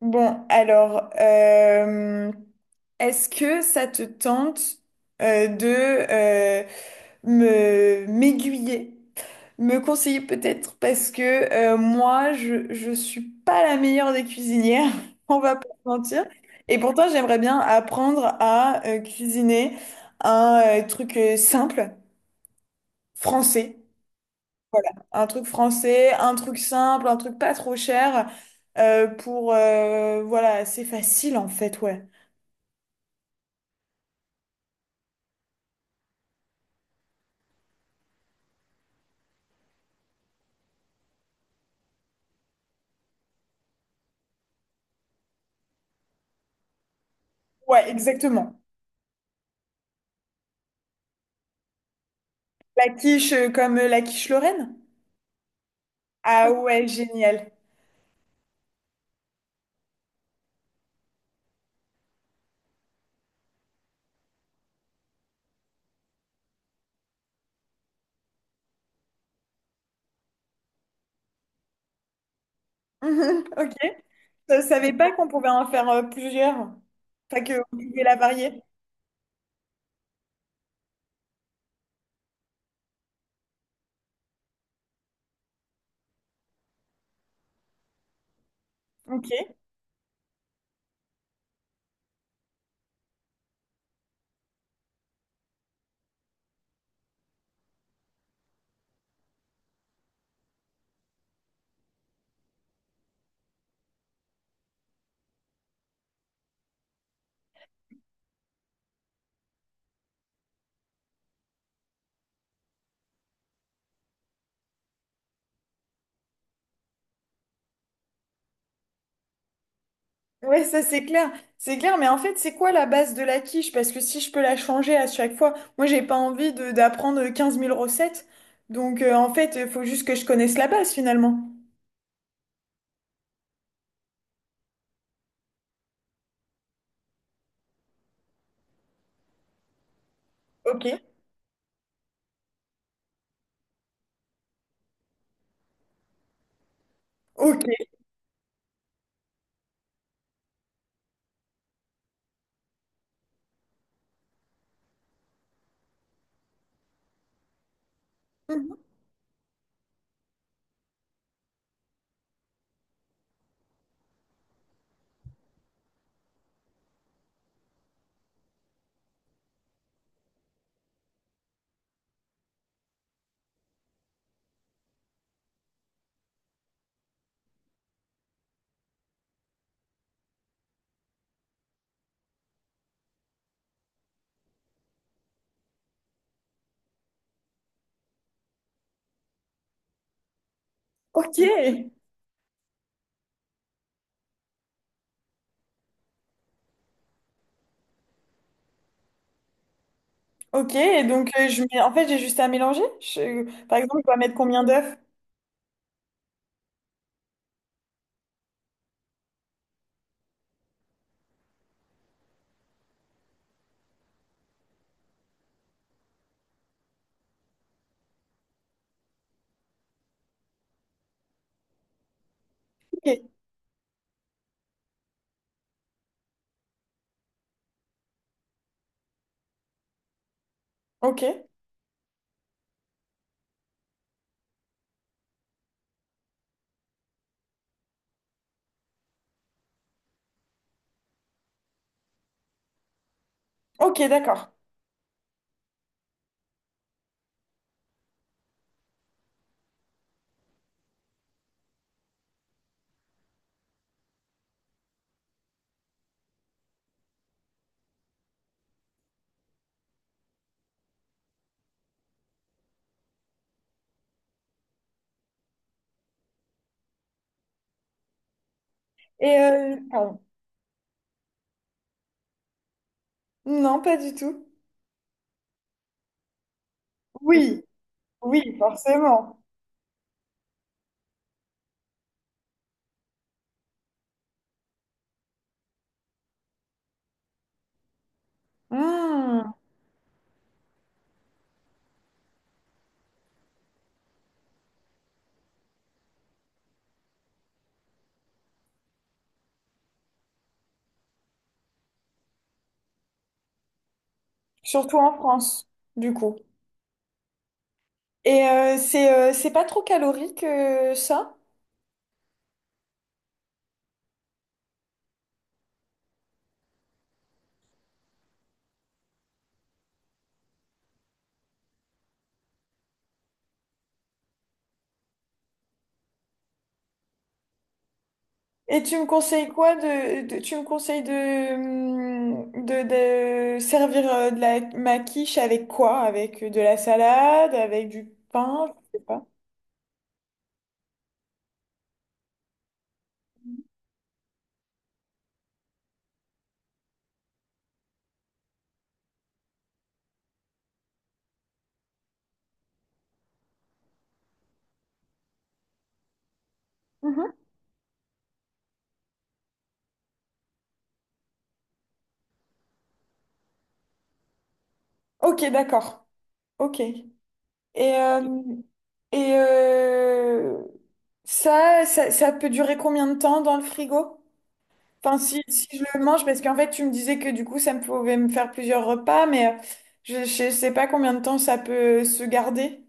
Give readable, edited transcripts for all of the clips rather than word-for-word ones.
Bon, alors, euh, Est-ce que ça te tente de euh, me m'aiguiller, me conseiller peut-être parce que moi, je suis pas la meilleure des cuisinières, on va pas se mentir. Et pourtant, j'aimerais bien apprendre à cuisiner un truc simple français. Voilà, un truc français, un truc simple, un truc pas trop cher pour voilà, c'est facile en fait, ouais. Ouais, exactement. La quiche comme la quiche Lorraine? Ah ouais, génial. Mhm, ok. Je savais pas qu'on pouvait en faire plusieurs. Enfin, que vous pouvez la varier. Ok. Ouais, ça c'est clair. C'est clair, mais en fait, c'est quoi la base de la quiche? Parce que si je peux la changer à chaque fois, moi j'ai pas envie de d'apprendre 15 000 recettes. Donc en fait, il faut juste que je connaisse la base finalement. Ok. Ok. Mhm. Ok. Ok. Et donc je mets... en fait, j'ai juste à mélanger. Par exemple, je dois mettre combien d'œufs? Ok. Ok, ok, d'accord. Et pardon. Non, pas du tout. Oui, oui, forcément. Hmm. Surtout en France, du coup. Et c'est pas trop calorique ça? Et tu me conseilles quoi tu me conseilles de de servir de la ma quiche avec quoi? Avec de la salade, avec du pain, je sais pas. Mhm. Ok, d'accord. Ok. Et euh, et ça peut durer combien de temps dans le frigo? Enfin, si je le mange, parce qu'en fait, tu me disais que du coup, ça me pouvait me faire plusieurs repas, mais je sais pas combien de temps ça peut se garder.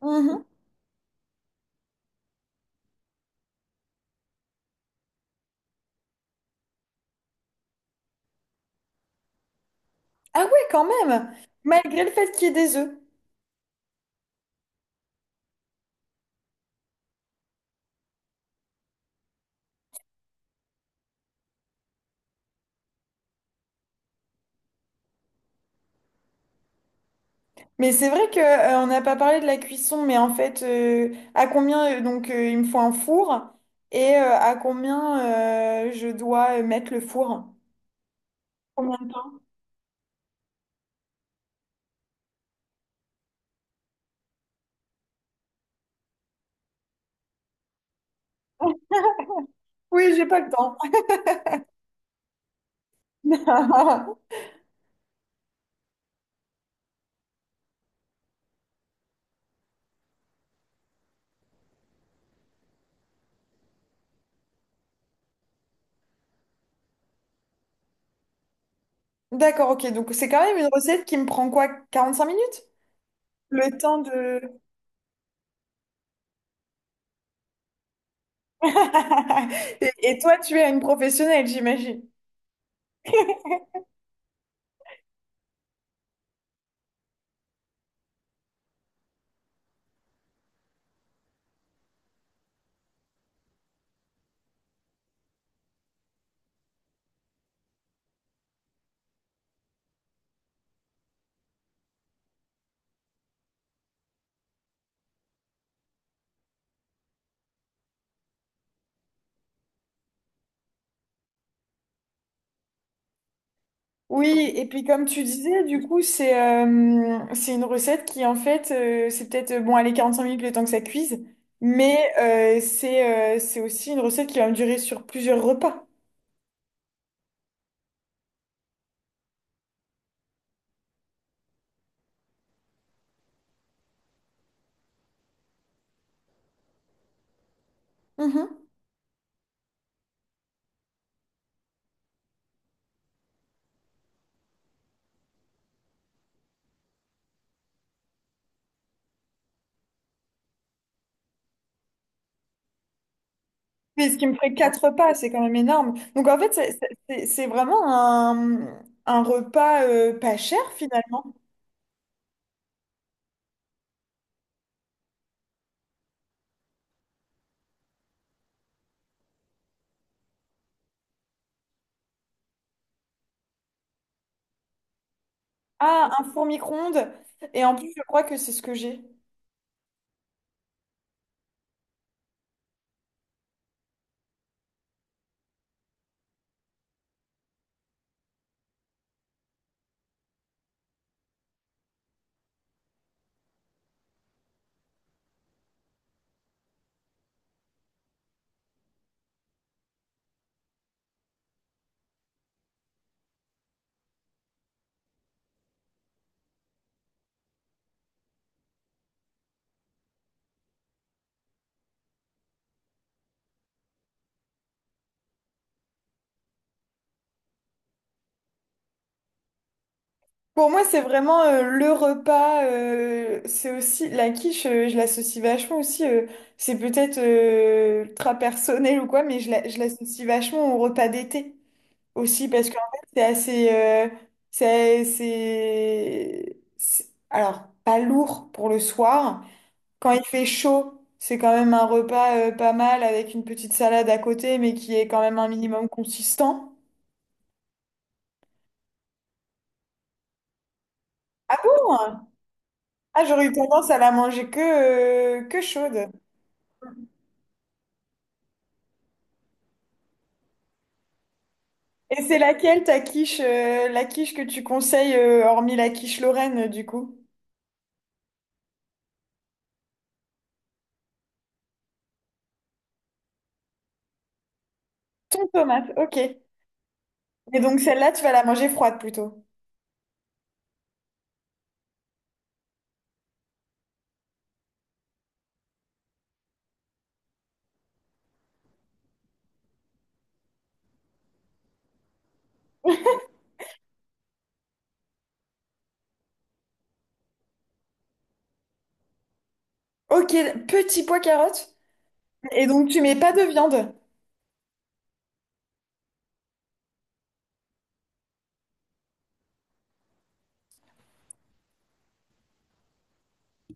Mhm. Ah ouais, quand même, malgré le fait qu'il y ait des œufs. Mais c'est vrai que on n'a pas parlé de la cuisson, mais en fait, à combien donc il me faut un four et à combien je dois mettre le four? Combien de temps? Oui, j'ai pas le temps. D'accord, ok. Donc c'est quand même une recette qui me prend quoi, 45 minutes? Le temps de... Et toi, tu es une professionnelle, j'imagine. Oui, et puis comme tu disais, du coup, c'est une recette qui, en fait, c'est peut-être, bon, allez, 5 minutes le temps que ça cuise, mais c'est aussi une recette qui va me durer sur plusieurs repas. Mhm. Mais ce qui me ferait quatre repas, c'est quand même énorme. Donc en fait, c'est vraiment un repas pas cher, finalement. Ah, un four micro-ondes. Et en plus, je crois que c'est ce que j'ai. Pour moi, c'est vraiment le repas. C'est aussi la quiche, je l'associe vachement aussi. C'est peut-être ultra personnel ou quoi, mais je l'associe vachement au repas d'été aussi parce qu'en fait, c'est assez. Alors, pas lourd pour le soir. Quand il fait chaud, c'est quand même un repas pas mal avec une petite salade à côté, mais qui est quand même un minimum consistant. Ah bon? Ah, j'aurais eu tendance à la manger que chaude. Et c'est laquelle ta quiche, la quiche que tu conseilles, hormis la quiche Lorraine, du coup? Ton tomate, ok. Et donc celle-là, tu vas la manger froide plutôt. Ok, petit pois carotte. Et donc tu mets pas de viande.